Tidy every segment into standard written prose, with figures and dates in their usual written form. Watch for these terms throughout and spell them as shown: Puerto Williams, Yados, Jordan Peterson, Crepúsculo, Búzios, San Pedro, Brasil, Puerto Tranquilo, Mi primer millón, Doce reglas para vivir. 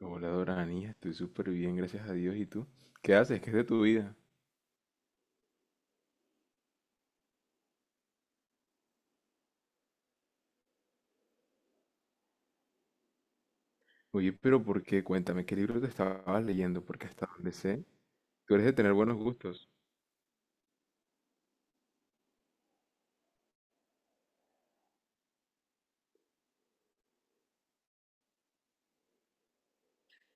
Hola Doranis, estoy súper bien, gracias a Dios. ¿Y tú? ¿Qué haces? ¿Qué es de tu vida? Oye, pero ¿por qué? Cuéntame, ¿qué libro te estabas leyendo? Porque hasta donde sé, tú eres de tener buenos gustos.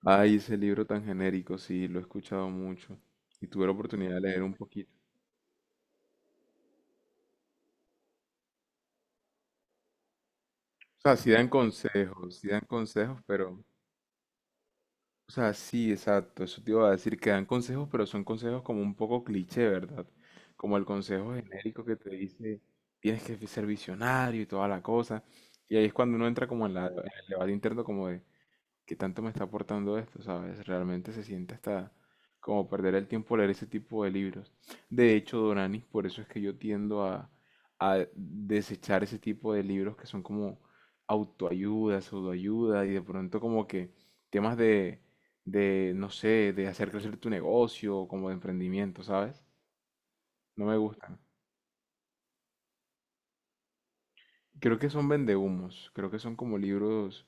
Ay, ese libro tan genérico, sí, lo he escuchado mucho y tuve la oportunidad de leer un poquito. O sea, sí dan consejos, pero o sea, sí, exacto, eso te iba a decir, que dan consejos, pero son consejos como un poco cliché, ¿verdad? Como el consejo genérico que te dice, tienes que ser visionario y toda la cosa. Y ahí es cuando uno entra como en el debate interno como de, ¿qué tanto me está aportando esto? ¿Sabes? Realmente se siente hasta como perder el tiempo leer ese tipo de libros. De hecho, Doranis, por eso es que yo tiendo a, desechar ese tipo de libros que son como autoayuda, pseudoayuda y de pronto como que temas de, no sé, de hacer crecer tu negocio, como de emprendimiento, ¿sabes? No me gustan. Creo que son vendehumos, creo que son como libros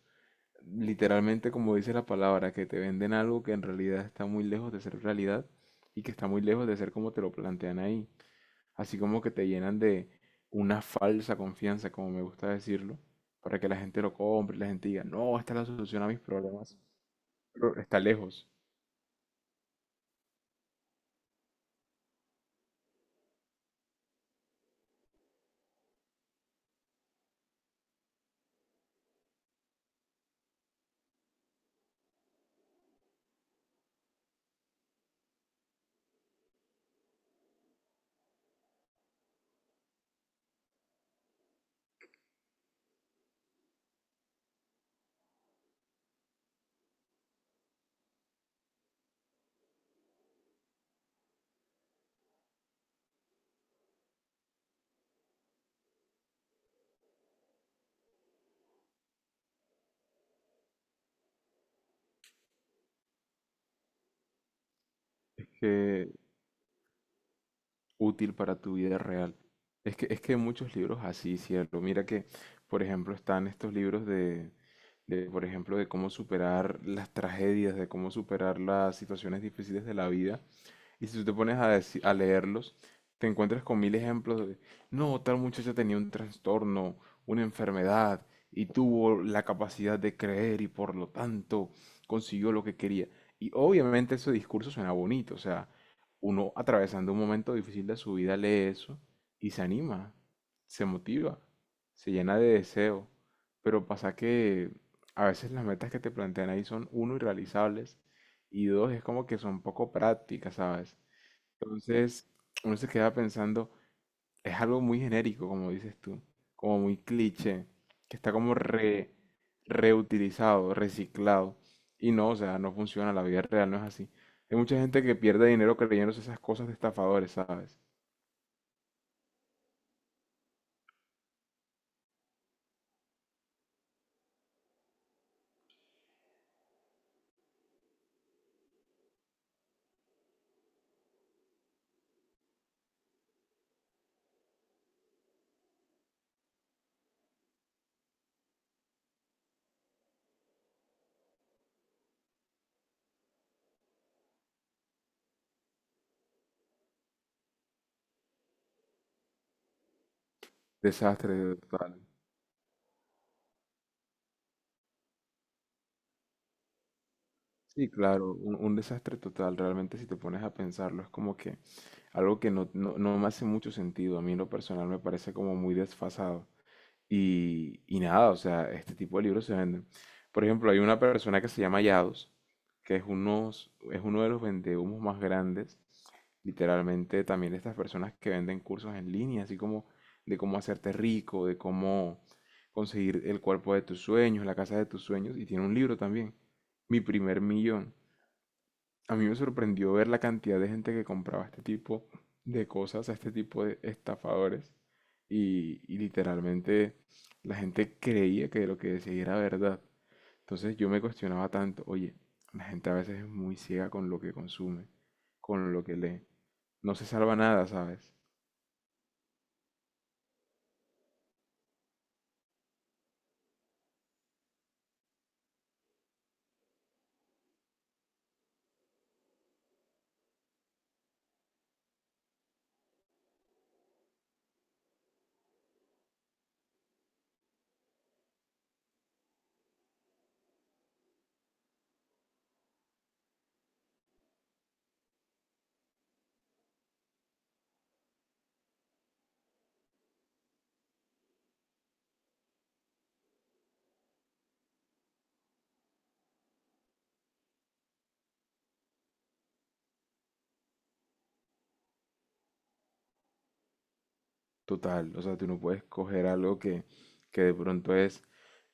literalmente como dice la palabra, que te venden algo que en realidad está muy lejos de ser realidad y que está muy lejos de ser como te lo plantean ahí. Así como que te llenan de una falsa confianza, como me gusta decirlo, para que la gente lo compre, y la gente diga, no, esta es la solución a mis problemas, pero está lejos. Que útil para tu vida real. Es que hay muchos libros así, ¿cierto? Mira que, por ejemplo, están estos libros de, por ejemplo, de cómo superar las tragedias, de cómo superar las situaciones difíciles de la vida. Y si tú te pones a, a leerlos, te encuentras con mil ejemplos de, no, tal muchacha tenía un trastorno, una enfermedad, y tuvo la capacidad de creer y por lo tanto consiguió lo que quería. Y obviamente ese discurso suena bonito, o sea, uno atravesando un momento difícil de su vida lee eso y se anima, se motiva, se llena de deseo. Pero pasa que a veces las metas que te plantean ahí son, uno, irrealizables, y dos, es como que son poco prácticas, ¿sabes? Entonces, uno se queda pensando, es algo muy genérico, como dices tú, como muy cliché, que está como reutilizado, reciclado. Y no, o sea, no funciona, la vida real no es así. Hay mucha gente que pierde dinero creyéndose esas cosas de estafadores, ¿sabes? Desastre total. Sí, claro, un desastre total, realmente si te pones a pensarlo, es como que algo que no, no me hace mucho sentido, a mí en lo personal me parece como muy desfasado. Y nada, o sea, este tipo de libros se venden. Por ejemplo, hay una persona que se llama Yados, que es, unos, es uno de los vendehumos más grandes, literalmente también de estas personas que venden cursos en línea, así como de cómo hacerte rico, de cómo conseguir el cuerpo de tus sueños, la casa de tus sueños, y tiene un libro también, Mi primer millón. A mí me sorprendió ver la cantidad de gente que compraba este tipo de cosas, a este tipo de estafadores. Y literalmente la gente creía que lo que decía era verdad. Entonces yo me cuestionaba tanto, oye, la gente a veces es muy ciega con lo que consume, con lo que lee. No se salva nada, ¿sabes? Total, o sea, tú no puedes coger algo que de pronto es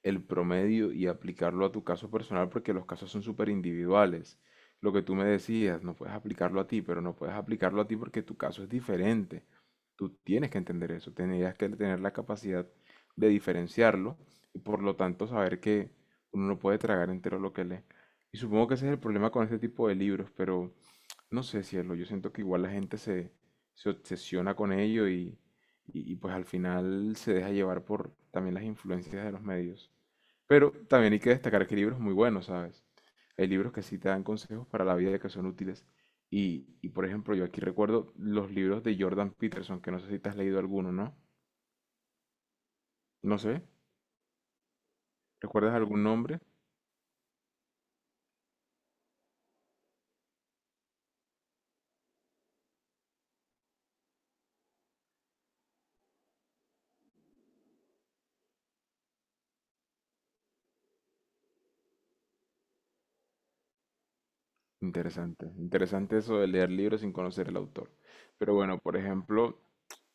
el promedio y aplicarlo a tu caso personal porque los casos son súper individuales. Lo que tú me decías, no puedes aplicarlo a ti, pero no puedes aplicarlo a ti porque tu caso es diferente. Tú tienes que entender eso, tendrías que tener la capacidad de diferenciarlo y por lo tanto saber que uno no puede tragar entero lo que lee. Y supongo que ese es el problema con este tipo de libros, pero no sé, cielo, yo siento que igual la gente se obsesiona con ello y pues al final se deja llevar por también las influencias de los medios. Pero también hay que destacar que hay libros muy buenos, ¿sabes? Hay libros que sí te dan consejos para la vida que son útiles. Y por ejemplo, yo aquí recuerdo los libros de Jordan Peterson, que no sé si te has leído alguno, ¿no? No sé, ¿recuerdas algún nombre? Interesante, interesante eso de leer libros sin conocer el autor. Pero bueno, por ejemplo,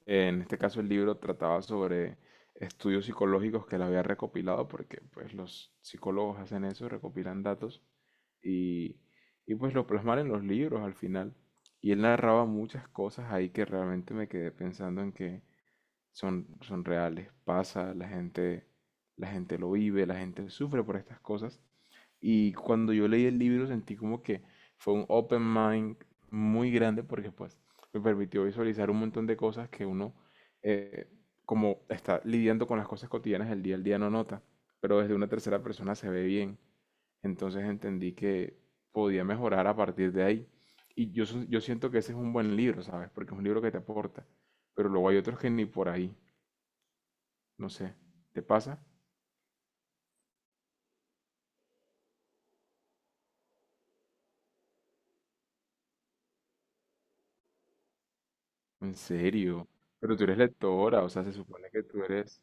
en este caso el libro trataba sobre estudios psicológicos que él había recopilado, porque pues los psicólogos hacen eso, recopilan datos y, y pues lo plasman en los libros al final. Y él narraba muchas cosas ahí que realmente me quedé pensando en que son reales, pasa, la gente lo vive, la gente sufre por estas cosas y cuando yo leí el libro sentí como que fue un open mind muy grande porque pues me permitió visualizar un montón de cosas que uno eh, como está lidiando con las cosas cotidianas del día al día no nota, pero desde una tercera persona se ve bien. Entonces entendí que podía mejorar a partir de ahí. Y yo, yo siento que ese es un buen libro, ¿sabes? Porque es un libro que te aporta. Pero luego hay otros que ni por ahí. No sé. ¿Te pasa? En serio. Pero tú eres lectora, o sea, se supone que tú eres...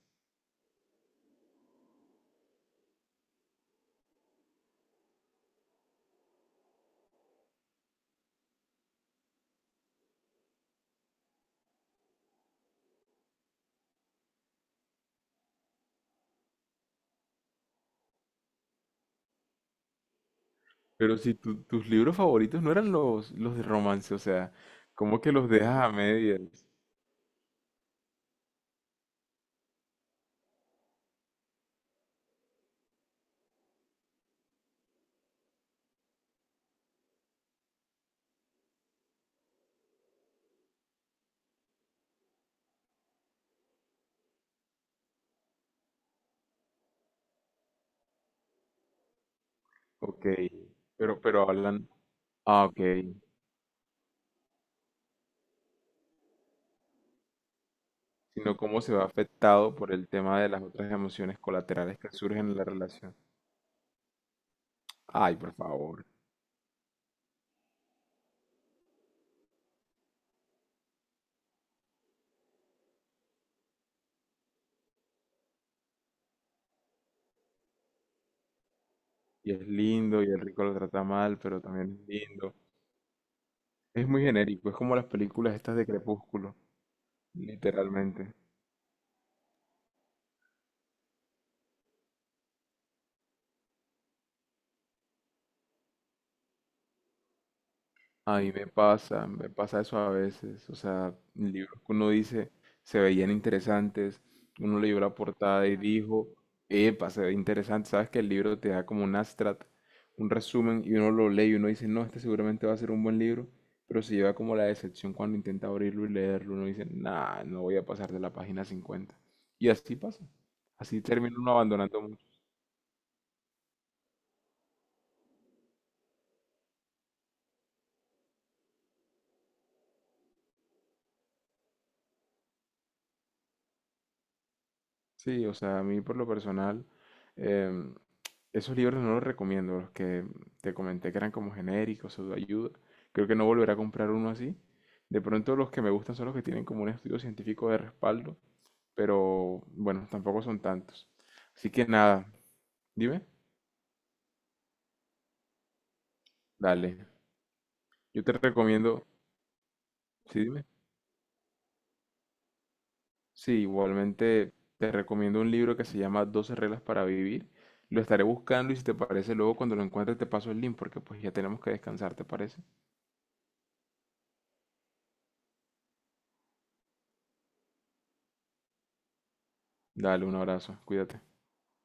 Pero si tus libros favoritos no eran los de romance, o sea, ¿cómo que los dejas a medias? Ok, pero hablan, ah, ok, sino cómo se ve afectado por el tema de las otras emociones colaterales que surgen en la relación. Ay, por favor. Y es lindo, y el rico lo trata mal, pero también es lindo. Es muy genérico, es como las películas estas de Crepúsculo, literalmente. A mí me pasa eso a veces, o sea, libros que uno dice se veían interesantes, uno leyó la portada y dijo, epa, se ve interesante, sabes que el libro te da como un abstract, un resumen y uno lo lee y uno dice, no, este seguramente va a ser un buen libro, pero se lleva como la decepción cuando intenta abrirlo y leerlo, uno dice, nah, no voy a pasar de la página 50. Y así pasa, así termina uno abandonando mucho. Sí, o sea, a mí por lo personal... em, esos libros no los recomiendo, los que te comenté que eran como genéricos, o de ayuda, creo que no volveré a comprar uno así. De pronto los que me gustan son los que tienen como un estudio científico de respaldo, pero bueno, tampoco son tantos. Así que nada, dime, dale. Yo te recomiendo, sí, dime. Sí, igualmente te recomiendo un libro que se llama Doce reglas para vivir. Lo estaré buscando y si te parece, luego cuando lo encuentres te paso el link porque pues ya tenemos que descansar, ¿te parece? Dale, un abrazo, cuídate.